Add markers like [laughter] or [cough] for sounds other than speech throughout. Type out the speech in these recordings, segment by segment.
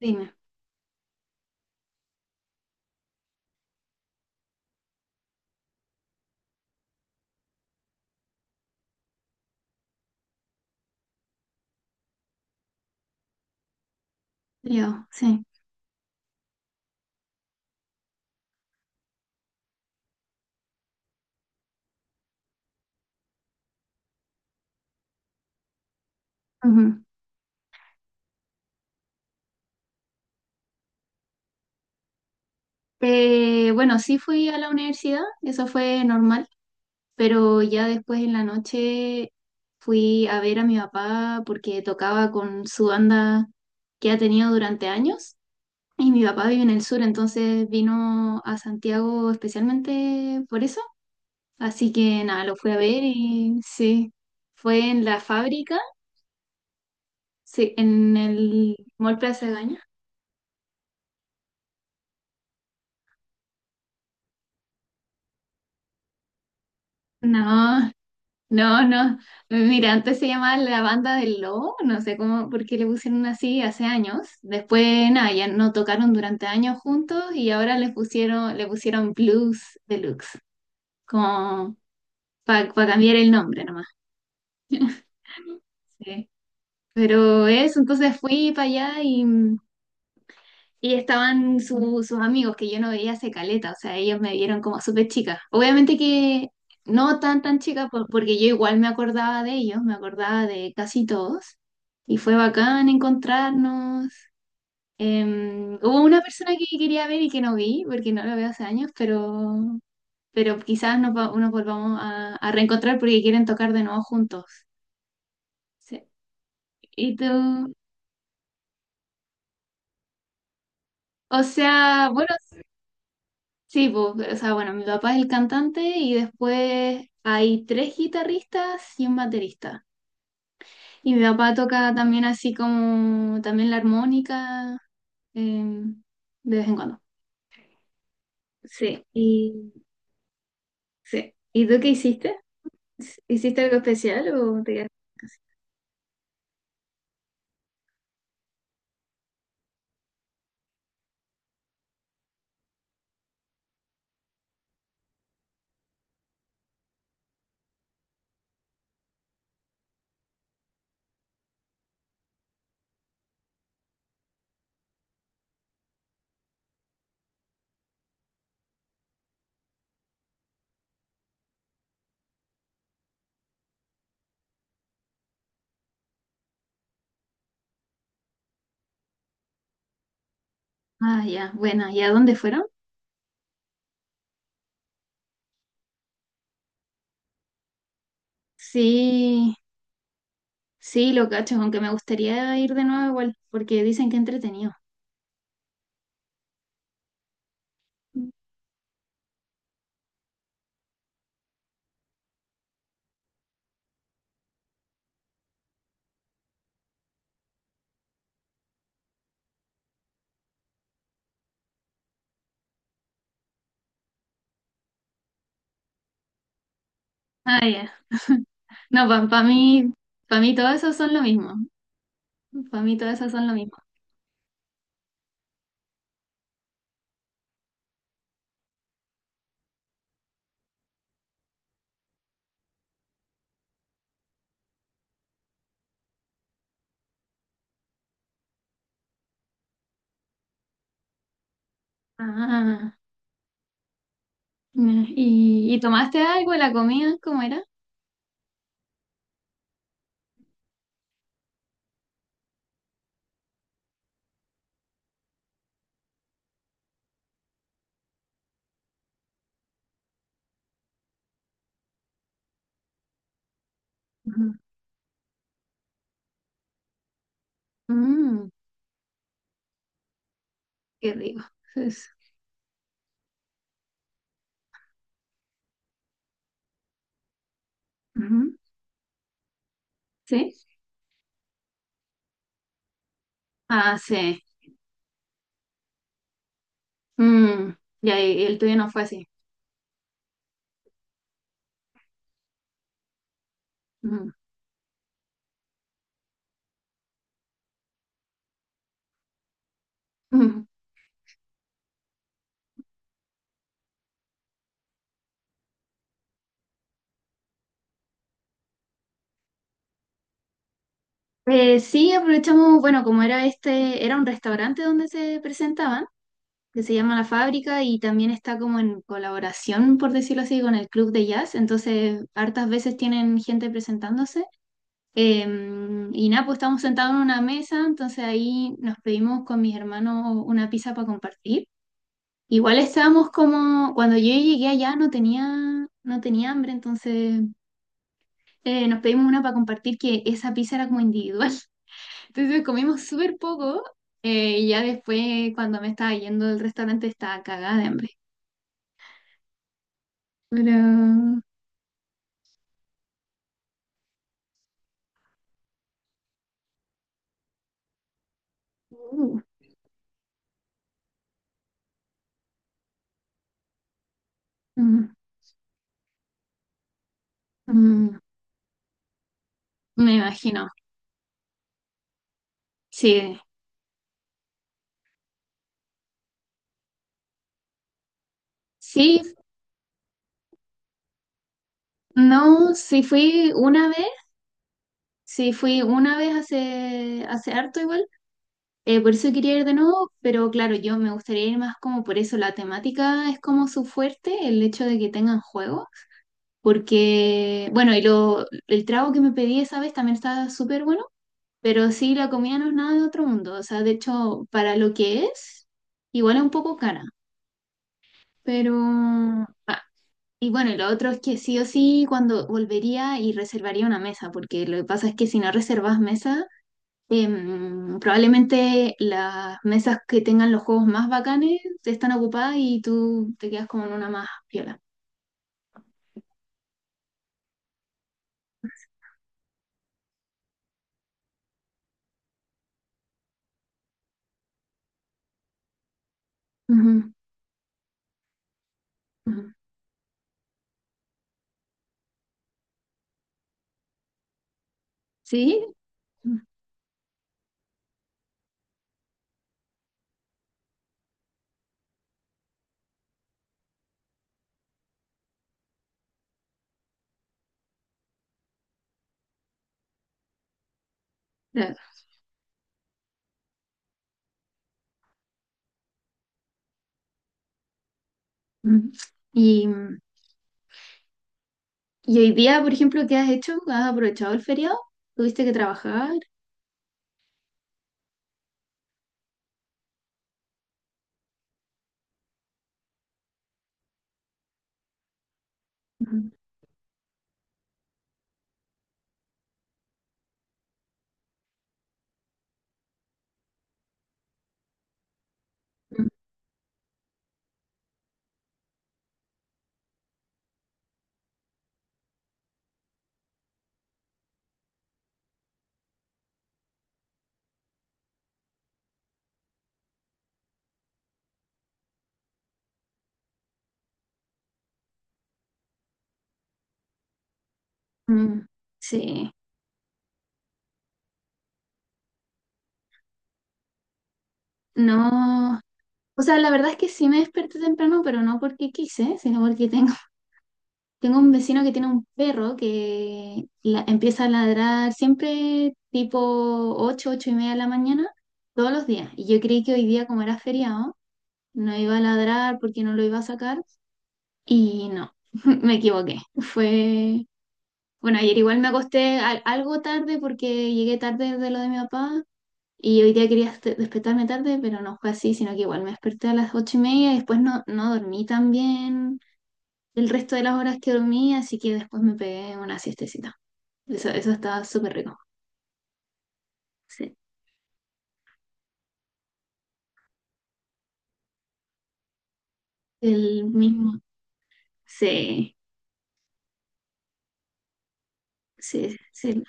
Dime. Yo, sí. Ujú. Bueno, sí fui a la universidad, eso fue normal, pero ya después en la noche fui a ver a mi papá porque tocaba con su banda que ha tenido durante años y mi papá vive en el sur, entonces vino a Santiago especialmente por eso, así que nada, lo fui a ver y sí, fue en la fábrica, sí, en el Mall Plaza Gaña. No, no, no. Mira, antes se llamaba la banda del lobo, no sé cómo, por qué le pusieron así hace años. Después, nada, ya no tocaron durante años juntos y ahora les pusieron, le pusieron Blues Deluxe, como para cambiar el nombre nomás. Sí. Pero eso, entonces fui para allá y, y estaban sus amigos que yo no veía hace caleta, o sea, ellos me vieron como súper chica. Obviamente que no tan tan chica, porque yo igual me acordaba de ellos, me acordaba de casi todos. Y fue bacán encontrarnos. Hubo una persona que quería ver y que no vi, porque no la veo hace años, pero quizás nos volvamos a reencontrar porque quieren tocar de nuevo juntos. Sí. Y tú, o sea, bueno. Sí, pues, o sea, bueno, mi papá es el cantante y después hay tres guitarristas y un baterista. Y mi papá toca también así como también la armónica, em, de vez en cuando. Sí, y sí. ¿Y tú qué hiciste? ¿Hiciste algo especial o te quedaste en casa? Ah, ya, bueno, ¿y a dónde fueron? Sí, sí, lo cacho, aunque me gustaría ir de nuevo igual, porque dicen que entretenido. Ah, ya. [laughs] No, para mí todo eso son lo mismo. Para mí todas esas son lo mismo. Ah, ya. ¿Y, y tomaste algo? ¿La comida? ¿Cómo era? Ujú. Mm, qué rico. Entonces, ujú. ¿Sí? Ah, sí. Mm, ya, y el tuyo no fue así. Ujú. Ujú. Sí, aprovechamos, bueno, como era este, era un restaurante donde se presentaban, que se llama La Fábrica y también está como en colaboración, por decirlo así, con el club de jazz. Entonces, hartas veces tienen gente presentándose. Eh, y nada, pues estábamos sentados en una mesa, entonces ahí nos pedimos con mis hermanos una pizza para compartir. Igual estábamos como, cuando yo llegué allá no tenía, no tenía hambre, entonces nos pedimos una para compartir que esa pizza era como individual. [laughs] Entonces comimos súper poco, y ya después cuando me estaba yendo del restaurante estaba cagada de hambre. Pero... uh, mm, mm, me imagino, sí. Sí, no, sí fui una vez. Sí, fui una vez hace, hace harto igual, por eso quería ir de nuevo, pero claro, yo me gustaría ir más como por eso, la temática es como su fuerte, el hecho de que tengan juego, porque, bueno, y lo, el trago que me pedí esa vez también estaba súper bueno, pero sí, la comida no es nada de otro mundo, o sea, de hecho, para lo que es, igual es un poco cara, pero... ah, y bueno, y lo otro es que sí o sí, cuando volvería y reservaría una mesa, porque lo que pasa es que si no reservas mesa... probablemente las mesas que tengan los juegos más bacanes están ocupadas y tú te quedas como en una más piola. Ujú, ujú. ¿Sí? Mm. Claro. Ujú. Y, y hoy día, por ejemplo, ¿qué has hecho? ¿Has aprovechado el feriado? ¿Tuviste que trabajar? Ujú. Mm. Sí, no. O sea, la verdad es que sí me desperté temprano, pero no porque quise, sino porque tengo un vecino que tiene un perro que empieza a ladrar siempre tipo 8, 8:30 de la mañana, todos los días. Y yo creí que hoy día, como era feriado, no iba a ladrar porque no lo iba a sacar. Y no, [laughs] me equivoqué. Fue, bueno, ayer igual me acosté algo tarde porque llegué tarde de lo de mi papá. Y hoy día quería despertarme tarde, pero no fue así, sino que igual me desperté a las 8:30 y después no, no dormí tan bien el resto de las horas que dormí, así que después me pegué una siestecita. Eso estaba súper rico. Sí. El mismo. Sí, sí, sí.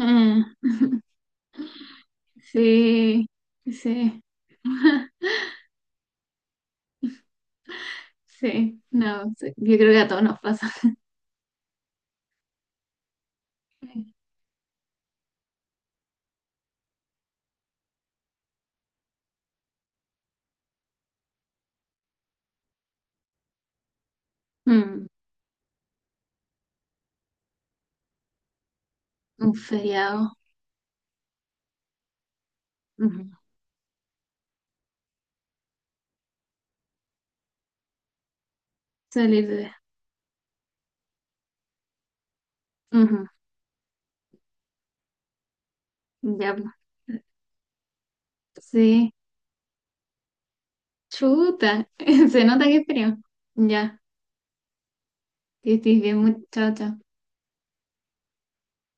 Mm, sí, sí, sí. No, sí. Yo creo que a todos nos pasa. Mm, un feriado. Ujú. Salir de. Ujú. Ya, pues. Sí. Chuta. [laughs] Se nota que es feriado. Ya. Que estés bien, chao chao.